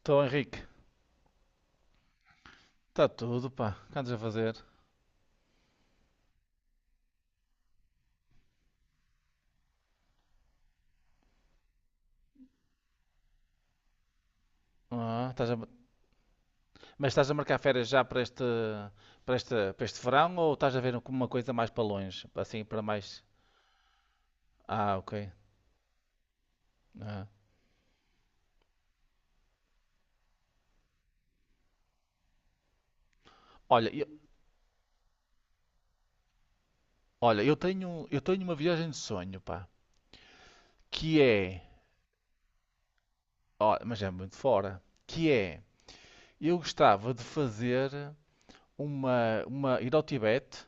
Então, Henrique, está tudo, pá. O que andas a fazer? Ah, estás a- Mas estás a marcar férias já para este, verão ou estás a ver como uma coisa mais para longe? Assim, para mais. Ah, ok. Ah. Olha, eu, olha, eu tenho uma viagem de sonho, pá. Que é. Ó, mas é muito fora. Que é. Eu gostava de fazer ir ao Tibete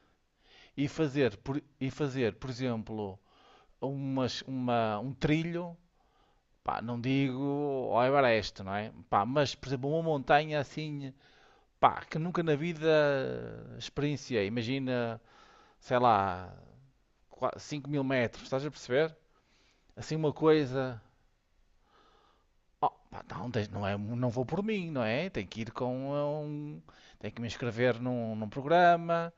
e e fazer, por exemplo, um trilho. Pá, não digo ao Everest, não é? Pá, mas, por exemplo, uma montanha assim, pá, que nunca na vida experienciei. Imagina, sei lá, 5000 metros, estás a perceber? Assim uma coisa. Oh, pá, não, não, é, não vou por mim, não é? Tenho que ir com um. Tenho que me inscrever num programa,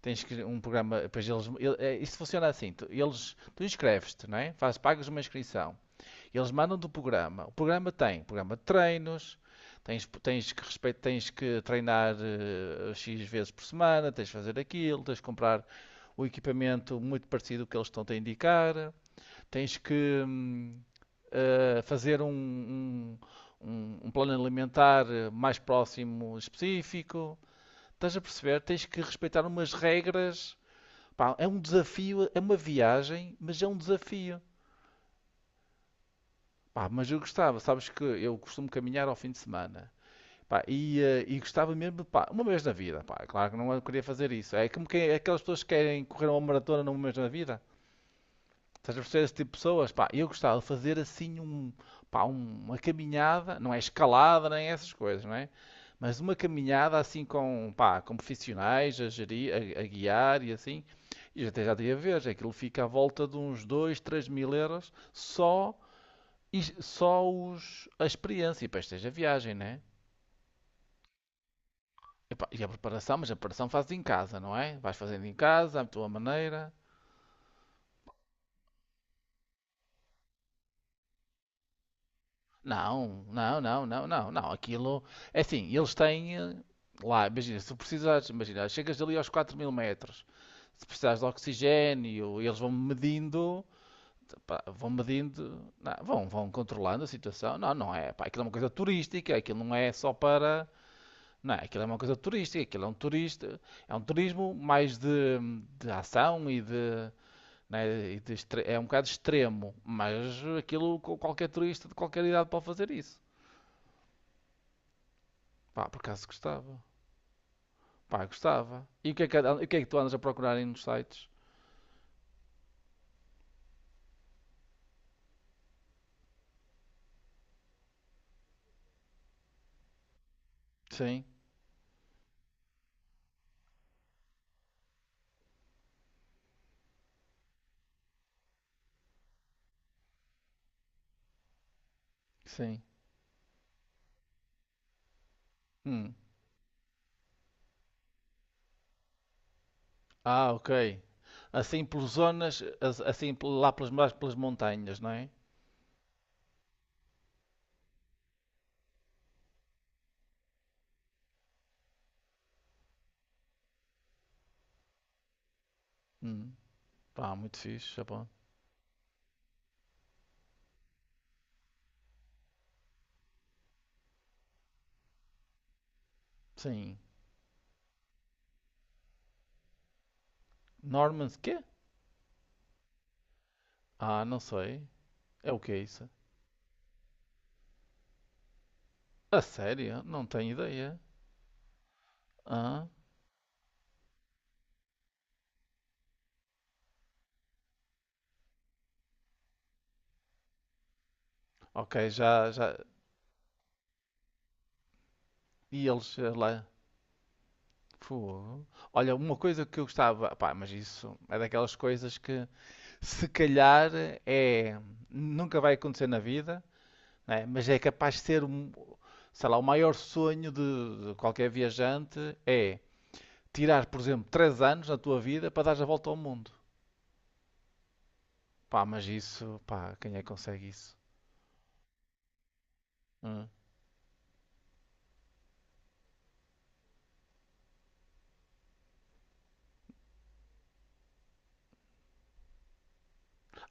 tens que um programa, depois eles, é, isso funciona assim, tu, eles, tu inscreves-te, não é? Faz, pagas uma inscrição. Eles mandam do programa. O programa tem programa de treinos, que, respeito, tens que treinar X vezes por semana, tens de fazer aquilo, tens de comprar o equipamento muito parecido com o que eles estão-te a indicar, tens que fazer um plano alimentar mais próximo específico. Estás a perceber? Tens que respeitar umas regras. Pá, é um desafio, é uma viagem, mas é um desafio. Pá, mas eu gostava, sabes que eu costumo caminhar ao fim de semana. Pá, e gostava mesmo, pá, uma vez na vida, pá. Claro que não eu queria fazer isso. É como que é aquelas pessoas que querem correr uma maratona numa vez na vida. Estás a perceber esse tipo de pessoas? Pá, eu gostava de fazer assim um, pá, uma caminhada, não é escalada nem essas coisas, não é? Mas uma caminhada assim com, pá, com profissionais a gerir, a guiar e assim. E até já tinha a ver, aquilo fica à volta de uns 2, 3000 euros só e só os, a experiência, e depois tens a viagem, né? Epá, e a preparação, mas a preparação fazes em casa, não é? Vais fazendo em casa, à tua maneira. Não, não, não, não, não, não. Aquilo é assim, eles têm lá, imagina, se precisares, imagina, chegas ali aos 4000 metros, se precisares de oxigênio, eles vão medindo, pá, vão medindo, não, vão controlando a situação. Não, não é, pá, aquilo é uma coisa turística, aquilo não é só para. Não, é? Aquilo é uma coisa turística, aquilo é um turista, é um turismo mais de ação e de, né, é um bocado extremo, mas qualquer turista de qualquer idade pode fazer isso. Pá, por acaso gostava. Pá, gostava. E o que é que tu andas a procurar aí nos sites? Sim, sim. Hum. Ah, ok. Assim por zonas, assim lá pelas, mais pelas montanhas, não é? Hum. Pá, muito fixe, Japão. Sim. Normans, quê? Ah, não sei. É o que é isso? A sério? Não tenho ideia. Ah, ok, já, já. E eles lá. Fogo. Olha, uma coisa que eu gostava. Pá, mas isso é daquelas coisas que se calhar é. Nunca vai acontecer na vida, né? Mas é capaz de ser, um- sei lá, o maior sonho de qualquer viajante é tirar, por exemplo, 3 anos na tua vida para dar a volta ao mundo. Pá, mas isso, pá, quem é que consegue isso? Hum?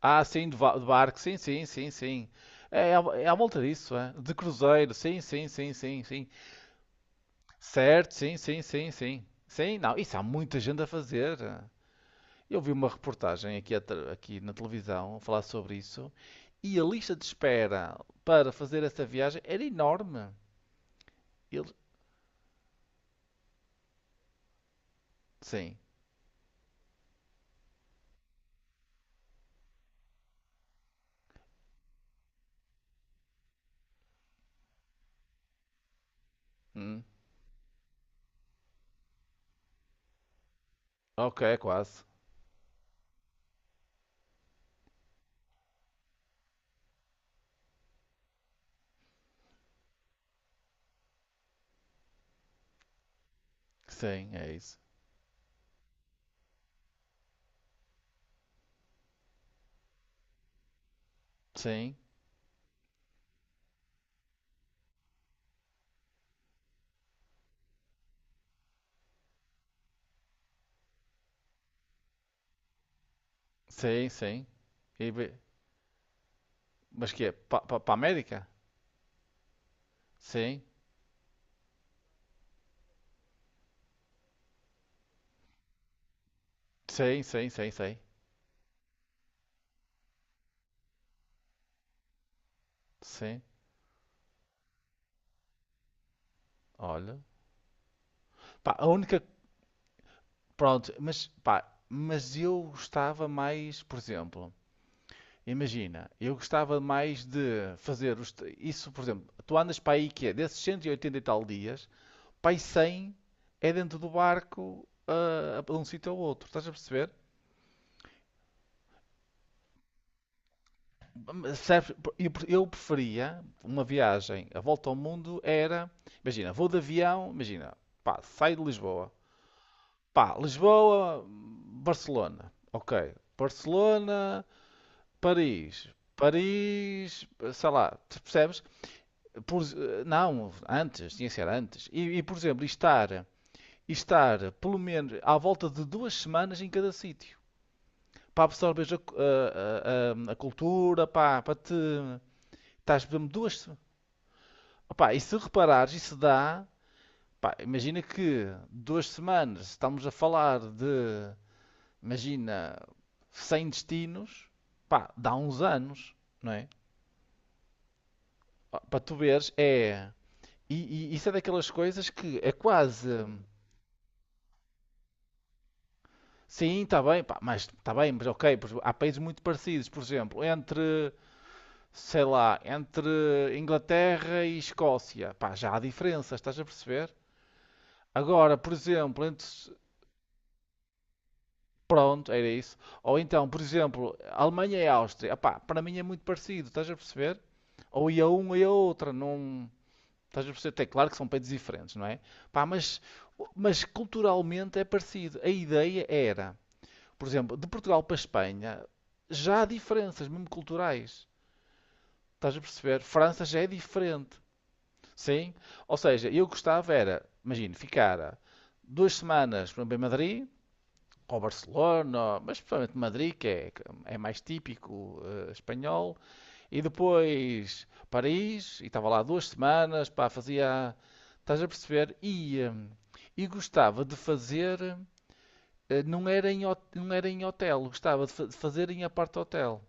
Ah, sim, de barco, sim, sim, sim, sim. É, à é à volta disso, é. De cruzeiro, sim, sim, sim, sim, sim. Certo, sim, sim, sim, sim. Sim, não, isso há muita gente a fazer. Eu vi uma reportagem aqui, aqui na televisão a falar sobre isso e a lista de espera para fazer essa viagem era enorme. Ele. Sim. Hum. Ok, quase. Sim, é isso. Sim, sim, sim. E be-. Mas que é? Para a América? Sim, sim, sim, sim, sim. Sim, olha. Pá, a única. Pronto, mas pá, mas eu gostava mais, por exemplo, imagina, eu gostava mais de fazer isso, por exemplo, tu andas para aí que é desses 180 e oitenta e tal dias, para aí 100 é dentro do barco de um sítio ao outro, estás a perceber? Mas sabes, eu preferia uma viagem, a volta ao mundo era, imagina, vou de avião, imagina, pá, saio de Lisboa. Pá, Lisboa, Barcelona. Ok. Barcelona, Paris. Paris, sei lá, tu percebes? Por- não, antes, tinha que ser antes. Por exemplo, e estar pelo menos à volta de 2 semanas em cada sítio. Para absorver a, cu- a cultura, pá, para te. Estás, por exemplo, duas. Opá, e se reparares, isso dá. Pá, imagina que 2 semanas estamos a falar de imagina, sem destinos, pá, dá uns anos, não é? Ó, para tu veres, é. E, isso é daquelas coisas que é quase. Sim, está bem, pá, mas está bem, mas ok, pois há países muito parecidos, por exemplo, entre, sei lá, entre Inglaterra e Escócia, pá, já há diferenças, estás a perceber? Agora, por exemplo, entre. Pronto, era isso. Ou então, por exemplo, Alemanha e Áustria, pá, para mim é muito parecido, estás a perceber? Ou ia um ou ia outra, não. Estás a perceber? É claro que são países diferentes, não é? Pá, mas culturalmente é parecido. A ideia era, por exemplo, de Portugal para a Espanha, já há diferenças, mesmo culturais. Estás a perceber? França já é diferente. Sim? Ou seja, eu gostava era, imagino, ficar 2 semanas por exemplo, em Madrid, ou Barcelona, mas principalmente Madrid, que é, é mais típico espanhol, e depois Paris, e estava lá 2 semanas, pá, fazia. Estás a perceber? E gostava de fazer. Não era em, não era em hotel, gostava de de fazer em apart hotel.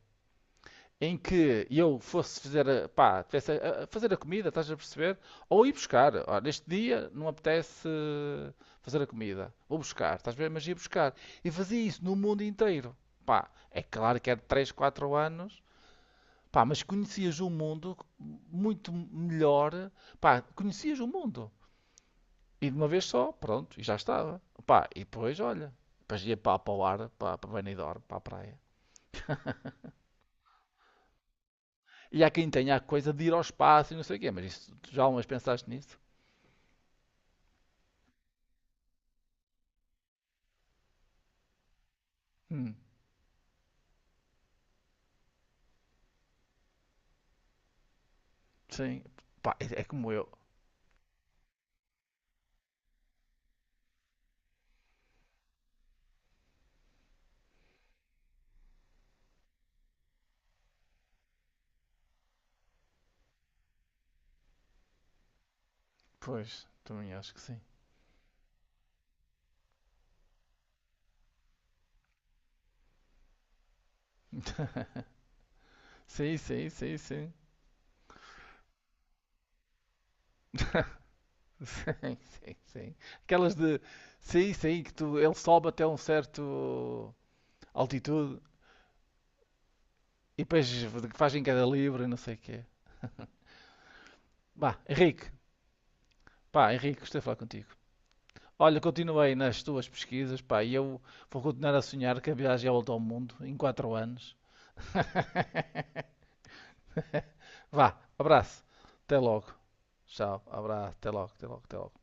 Em que eu fosse fazer pá, a fazer a comida, estás a perceber? Ou ir buscar. Ó, neste dia não me apetece fazer a comida. Vou buscar, estás a ver? Mas ia buscar. E fazia isso no mundo inteiro. Pá, é claro que é de 3 4 anos. Pá, mas conhecias o mundo muito melhor. Pá, conhecias o mundo. E de uma vez só, pronto, e já estava. Pá, e depois, olha, depois ia pá, para o ar, pá, para Benidorm, para a praia. E há quem tenha a coisa de ir ao espaço e não sei o quê, mas isso, tu já umas pensaste nisso? Hum, sim. Pá, é é como eu. Pois, também acho que sim. Sim, sim, sim, sim. Sim, sim, sim. Aquelas de. Sim, sim, que tu, ele sobe até um certo altitude. E depois fazem cada livro e não sei o quê. Bah, Henrique, pá, Henrique, gostei de falar contigo. Olha, continuei nas tuas pesquisas, pá, e eu vou continuar a sonhar que a viagem é a volta ao mundo em 4 anos. Vá, abraço, até logo. Tchau, abraço, até logo, até logo, até logo.